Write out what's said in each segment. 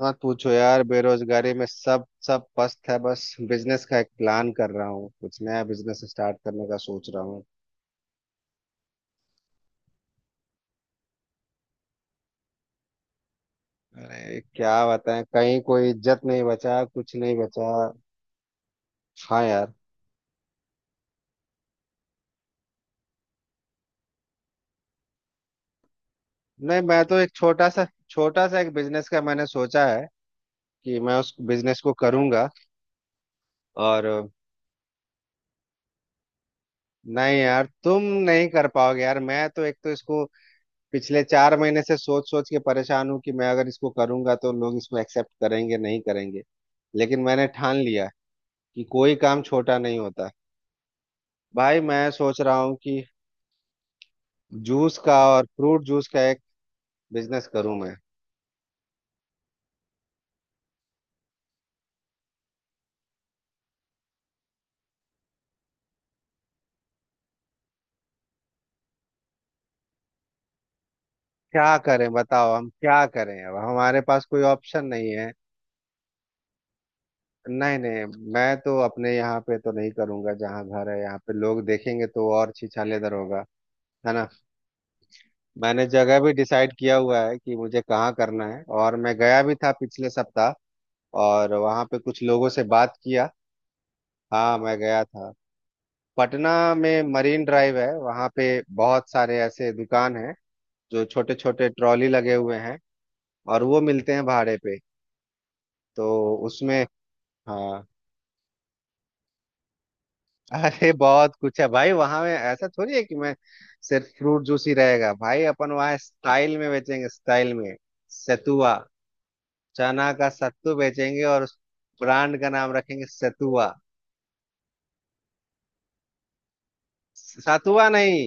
मत पूछो यार। बेरोजगारी में सब सब पस्त है। बस बिजनेस का एक प्लान कर रहा हूँ, कुछ नया बिजनेस स्टार्ट करने का सोच रहा हूँ। अरे क्या बताएं, कहीं कोई इज्जत नहीं बचा, कुछ नहीं बचा। हाँ यार। नहीं, मैं तो एक छोटा सा एक बिजनेस का मैंने सोचा है कि मैं उस बिजनेस को करूंगा। और नहीं यार, तुम नहीं कर पाओगे यार। मैं तो एक तो इसको पिछले 4 महीने से सोच सोच के परेशान हूँ कि मैं अगर इसको करूंगा तो लोग इसको एक्सेप्ट करेंगे, नहीं करेंगे। लेकिन मैंने ठान लिया कि कोई काम छोटा नहीं होता। भाई मैं सोच रहा हूँ कि जूस का और फ्रूट जूस का एक बिजनेस करूँ मैं। क्या करें बताओ, हम क्या करें, अब हमारे पास कोई ऑप्शन नहीं है। नहीं नहीं, मैं तो अपने यहाँ पे तो नहीं करूंगा। जहाँ घर है यहाँ पे लोग देखेंगे तो और छिछालेदर होगा, है ना। मैंने जगह भी डिसाइड किया हुआ है कि मुझे कहाँ करना है, और मैं गया भी था पिछले सप्ताह, और वहाँ पे कुछ लोगों से बात किया। हाँ मैं गया था। पटना में मरीन ड्राइव है वहाँ पे। बहुत सारे ऐसे दुकान हैं जो छोटे छोटे ट्रॉली लगे हुए हैं, और वो मिलते हैं भाड़े पे। तो उसमें, हाँ। अरे बहुत कुछ है भाई वहाँ, में ऐसा थोड़ी है कि मैं सिर्फ फ्रूट जूस ही रहेगा भाई। अपन वहाँ स्टाइल में बेचेंगे, स्टाइल में। सतुआ, चना का सत्तू बेचेंगे और उस ब्रांड का नाम रखेंगे सतुआ। सतुआ नहीं,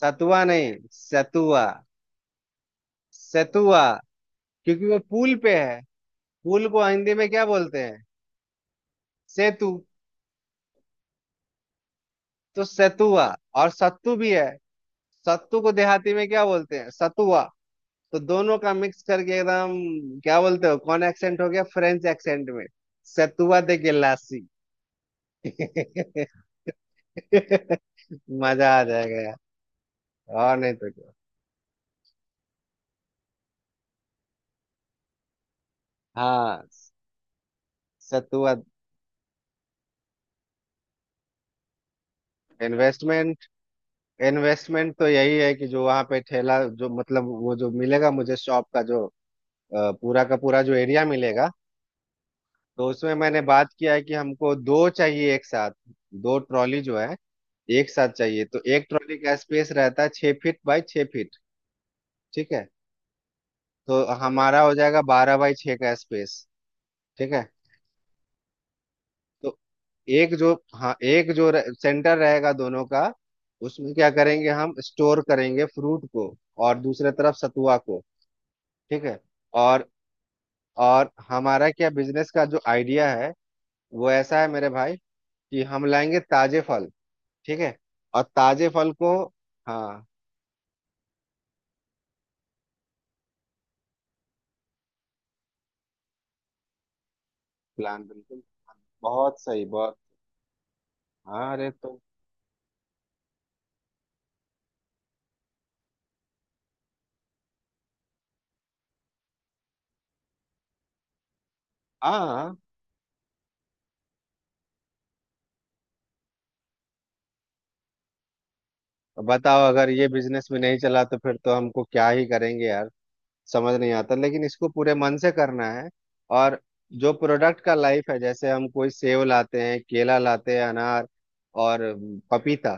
सतुआ नहीं, सतुआ, सतुआ। क्योंकि वो पुल पे है। पुल को हिंदी में क्या बोलते हैं? सेतु। तो सतुआ। और सत्तू भी है। सत्तू को देहाती में क्या बोलते हैं? सतुआ। तो दोनों का मिक्स करके एकदम क्या बोलते हो, कौन एक्सेंट हो गया? फ्रेंच एक्सेंट में, सतुआ दे गिलासी। मजा आ जाएगा यार। और नहीं तो क्या? हाँ। सतुआ। इन्वेस्टमेंट। इन्वेस्टमेंट तो यही है कि जो वहां पे ठेला, जो मतलब वो जो मिलेगा मुझे, शॉप का जो पूरा का पूरा जो एरिया मिलेगा। तो उसमें मैंने बात किया है कि हमको दो चाहिए एक साथ। दो ट्रॉली जो है, एक साथ चाहिए। तो एक ट्रॉली का स्पेस रहता है 6 फीट बाय 6 फीट, ठीक है। तो हमारा हो जाएगा 12 बाय 6 का स्पेस, ठीक है। तो एक जो, हाँ, एक जो सेंटर रहेगा दोनों का, उसमें क्या करेंगे, हम स्टोर करेंगे फ्रूट को, और दूसरे तरफ सतुआ को, ठीक है। और और हमारा क्या, बिजनेस का जो आइडिया है, वो ऐसा है मेरे भाई, कि हम लाएंगे ताजे फल, ठीक है, और ताजे फल को, हाँ। प्लान बिल्कुल। बहुत सही, बहुत। हाँ, अरे तो हाँ। बताओ अगर ये बिजनेस में नहीं चला तो फिर तो हमको क्या ही करेंगे यार। समझ नहीं आता, लेकिन इसको पूरे मन से करना है। और जो प्रोडक्ट का लाइफ है, जैसे हम कोई सेब लाते हैं, केला लाते हैं, अनार, और पपीता,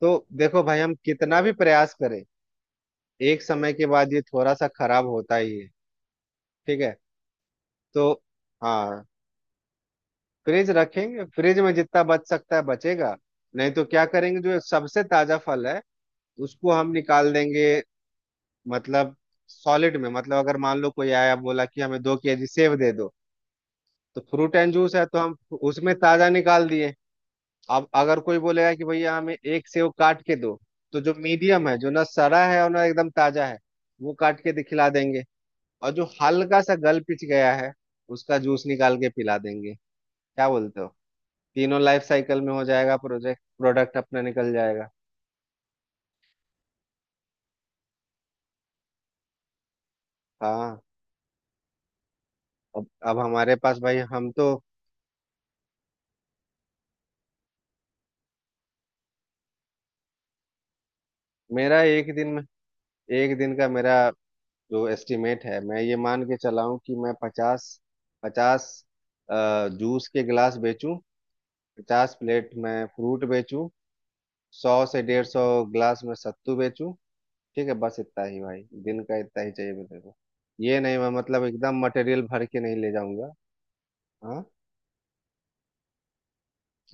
तो देखो भाई हम कितना भी प्रयास करें, एक समय के बाद ये थोड़ा सा खराब होता ही है, ठीक है। तो हाँ, फ्रिज रखेंगे, फ्रिज में जितना बच सकता है बचेगा, नहीं तो क्या करेंगे। जो सबसे ताजा फल है उसको हम निकाल देंगे। मतलब सॉलिड में, मतलब अगर मान लो कोई आया बोला कि हमें 2 केजी सेब दे दो, तो फ्रूट एंड जूस है तो हम उसमें ताजा निकाल दिए। अब अगर कोई बोलेगा कि भैया हमें एक सेब काट के दो, तो जो मीडियम है, जो ना सड़ा है और ना एकदम ताजा है, वो काट के खिला देंगे। और जो हल्का सा गल पिच गया है, उसका जूस निकाल के पिला देंगे, क्या बोलते हो? तीनों लाइफ साइकिल में हो जाएगा, प्रोजेक्ट, प्रोडक्ट अपना निकल जाएगा। हाँ। अब हमारे पास भाई, हम तो मेरा एक दिन में, एक दिन का मेरा जो एस्टिमेट है, मैं ये मान के चला हूँ कि मैं पचास पचास जूस के गिलास बेचूं, 50 प्लेट मैं फ्रूट बेचूं, 100 से 150 गिलास में सत्तू बेचूं, ठीक है। बस इतना ही भाई, दिन का इतना ही चाहिए मेरे को। ये नहीं मैं मतलब एकदम मटेरियल भर के नहीं ले जाऊंगा। हाँ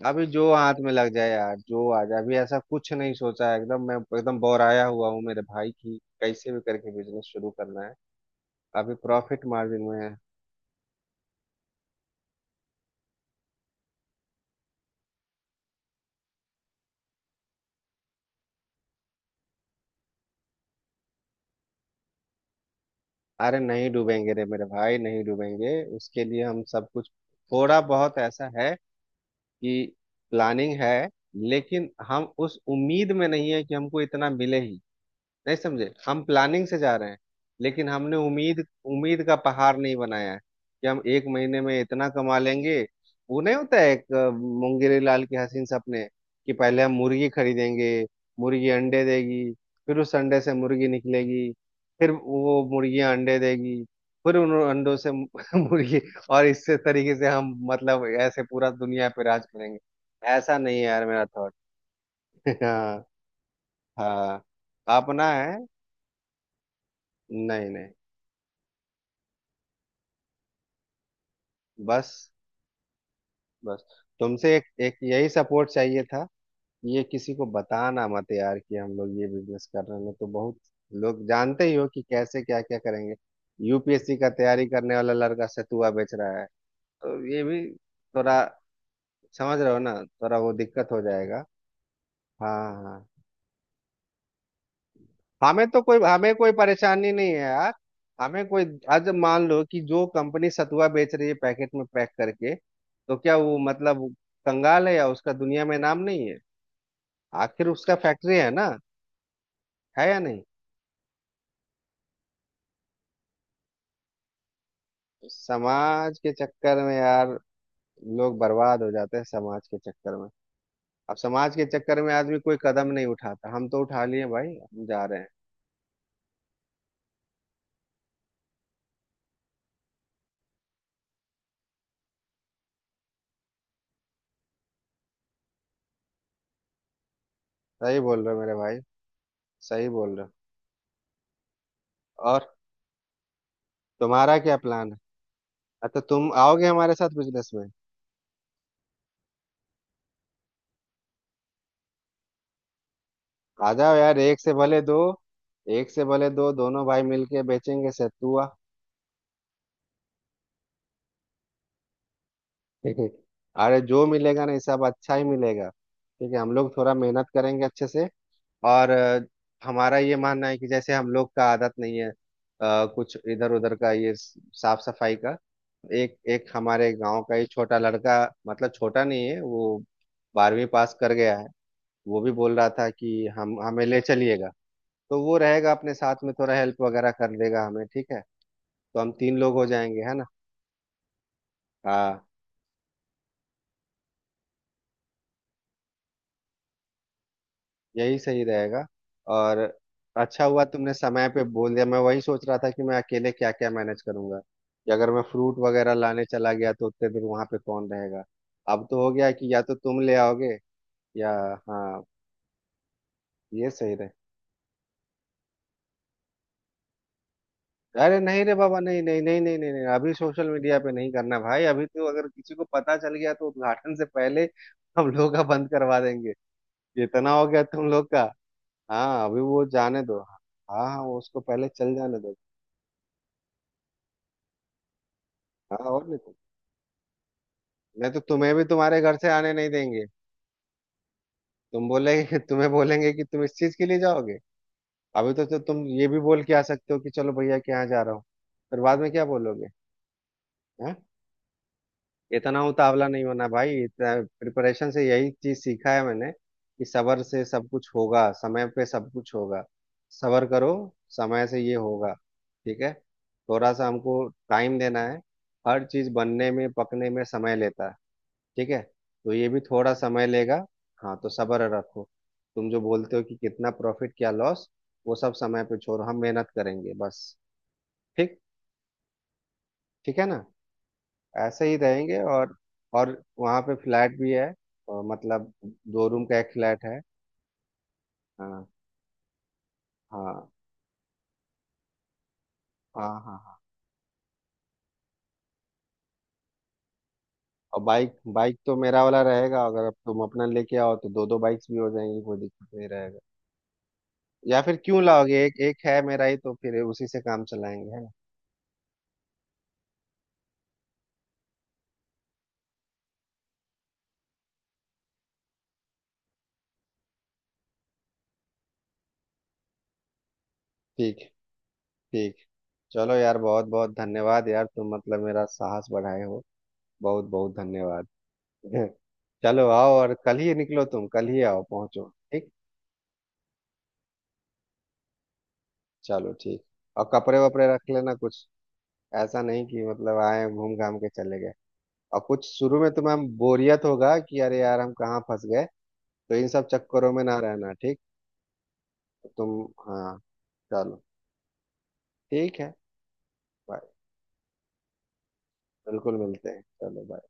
अभी जो हाथ में लग जाए यार, जो आ जाए, अभी ऐसा कुछ नहीं सोचा है एकदम, मैं एकदम बोराया हुआ हूँ मेरे भाई, की कैसे भी करके बिजनेस शुरू करना है। अभी प्रॉफिट मार्जिन में है। अरे नहीं डूबेंगे रे मेरे भाई, नहीं डूबेंगे, उसके लिए हम सब कुछ, थोड़ा बहुत ऐसा है कि प्लानिंग है, लेकिन हम उस उम्मीद में नहीं है कि हमको इतना मिले ही, नहीं समझे, हम प्लानिंग से जा रहे हैं। लेकिन हमने उम्मीद उम्मीद का पहाड़ नहीं बनाया है कि हम एक महीने में इतना कमा लेंगे। वो नहीं होता है, एक मुंगेरी लाल के हसीन सपने, कि पहले हम मुर्गी खरीदेंगे, मुर्गी अंडे देगी, फिर उस अंडे से मुर्गी निकलेगी, फिर वो मुर्गियां अंडे देगी, फिर उन अंडों से मुर्गी, और इस तरीके से हम मतलब ऐसे पूरा दुनिया पे राज करेंगे। ऐसा नहीं है यार मेरा थॉट। हाँ। हाँ अपना है। नहीं नहीं, बस बस तुमसे एक यही सपोर्ट चाहिए था कि ये किसी को बताना मत यार कि हम लोग ये बिजनेस कर रहे हैं, तो बहुत लोग जानते ही हो कि कैसे क्या क्या करेंगे। यूपीएससी का तैयारी करने वाला लड़का सतुआ बेच रहा है, तो ये भी थोड़ा, समझ रहे हो ना, थोड़ा वो दिक्कत हो जाएगा। हाँ हाँ। हमें तो कोई, हमें कोई परेशानी नहीं है यार। हमें कोई, आज मान लो कि जो कंपनी सतुआ बेच रही है पैकेट में पैक करके, तो क्या वो मतलब कंगाल है या उसका दुनिया में नाम नहीं है? आखिर उसका फैक्ट्री है ना, है या नहीं। समाज के चक्कर में यार लोग बर्बाद हो जाते हैं समाज के चक्कर में। अब समाज के चक्कर में आदमी कोई कदम नहीं उठाता, हम तो उठा लिए भाई, हम जा रहे हैं। सही बोल रहे हो मेरे भाई, सही बोल रहे हो। और तुम्हारा क्या प्लान है? अच्छा तुम आओगे हमारे साथ बिजनेस में? आ जाओ यार, एक से भले दो, एक से भले दो, दोनों भाई मिलके बेचेंगे सत्तुआ। ठीक है? अरे जो मिलेगा ना ये सब अच्छा ही मिलेगा, ठीक है, हम लोग थोड़ा मेहनत करेंगे अच्छे से। और हमारा ये मानना है कि जैसे हम लोग का आदत नहीं है कुछ इधर उधर का, ये साफ सफाई का, एक एक हमारे गांव का ही छोटा लड़का, मतलब छोटा नहीं है वो, 12वीं पास कर गया है, वो भी बोल रहा था कि हम हमें ले चलिएगा। तो वो रहेगा अपने साथ में, थोड़ा हेल्प वगैरह कर देगा हमें, ठीक है। तो हम तीन लोग हो जाएंगे, है ना। हाँ यही सही रहेगा। और अच्छा हुआ तुमने समय पे बोल दिया, मैं वही सोच रहा था कि मैं अकेले क्या क्या मैनेज करूंगा, कि अगर मैं फ्रूट वगैरह लाने चला गया तो उतने दिन वहां पे कौन रहेगा। अब तो हो गया कि या तो तुम ले आओगे या। हाँ ये सही रहे। अरे नहीं रे बाबा, नहीं नहीं नहीं नहीं नहीं नहीं, अभी सोशल मीडिया पे नहीं करना भाई। अभी तो अगर किसी को पता चल गया तो उद्घाटन से पहले हम लोग का बंद करवा देंगे। इतना हो गया तुम लोग का। हाँ अभी वो जाने दो। हाँ हाँ, वो उसको पहले चल जाने दो। हाँ, और नहीं तो, नहीं तो तुम्हें भी तुम्हारे घर से आने नहीं देंगे। तुम बोलेंगे, तुम्हें बोलेंगे कि तुम इस चीज के लिए जाओगे। अभी तो तुम ये भी बोल के आ सकते हो कि चलो भैया के यहाँ जा रहा हूँ, फिर बाद में क्या बोलोगे? हाँ। इतना उतावला नहीं होना भाई। इतना प्रिपरेशन से यही चीज सीखा है मैंने कि सब्र से सब कुछ होगा, समय पे सब कुछ होगा। सब्र करो, समय से ये होगा, ठीक है। थोड़ा सा हमको टाइम देना है। हर चीज बनने में, पकने में समय लेता है, ठीक है। तो ये भी थोड़ा समय लेगा। हाँ तो सब्र रखो। तुम जो बोलते हो कि कितना प्रॉफिट, क्या लॉस, वो सब समय पे छोड़ो, हम मेहनत करेंगे बस। ठीक। ठीक है ना, ऐसे ही रहेंगे। और वहाँ पे फ्लैट भी है, और मतलब दो रूम का एक फ्लैट है। हाँ हाँ हाँ। हाँ हाँ। और बाइक, बाइक तो मेरा वाला रहेगा, अगर अब तुम अपना लेके आओ तो दो दो बाइक्स भी हो जाएंगी, कोई दिक्कत नहीं रहेगा। या फिर क्यों लाओगे, एक एक है मेरा ही, तो फिर उसी से काम चलाएंगे, है ना। ठीक। ठीक। चलो यार, बहुत बहुत धन्यवाद यार, तुम मतलब मेरा साहस बढ़ाए हो। बहुत बहुत धन्यवाद। चलो आओ, और कल ही निकलो, तुम कल ही आओ, पहुंचो। ठीक। चलो ठीक। और कपड़े वपड़े रख लेना कुछ, ऐसा नहीं कि मतलब आए घूम घाम के चले गए। और कुछ शुरू में तुम्हें बोरियत होगा कि अरे यार हम कहाँ फंस गए, तो इन सब चक्करों में ना रहना, ठीक। तुम। हाँ। चलो। ठीक है। बाय। बिल्कुल मिलते हैं, चलो bye।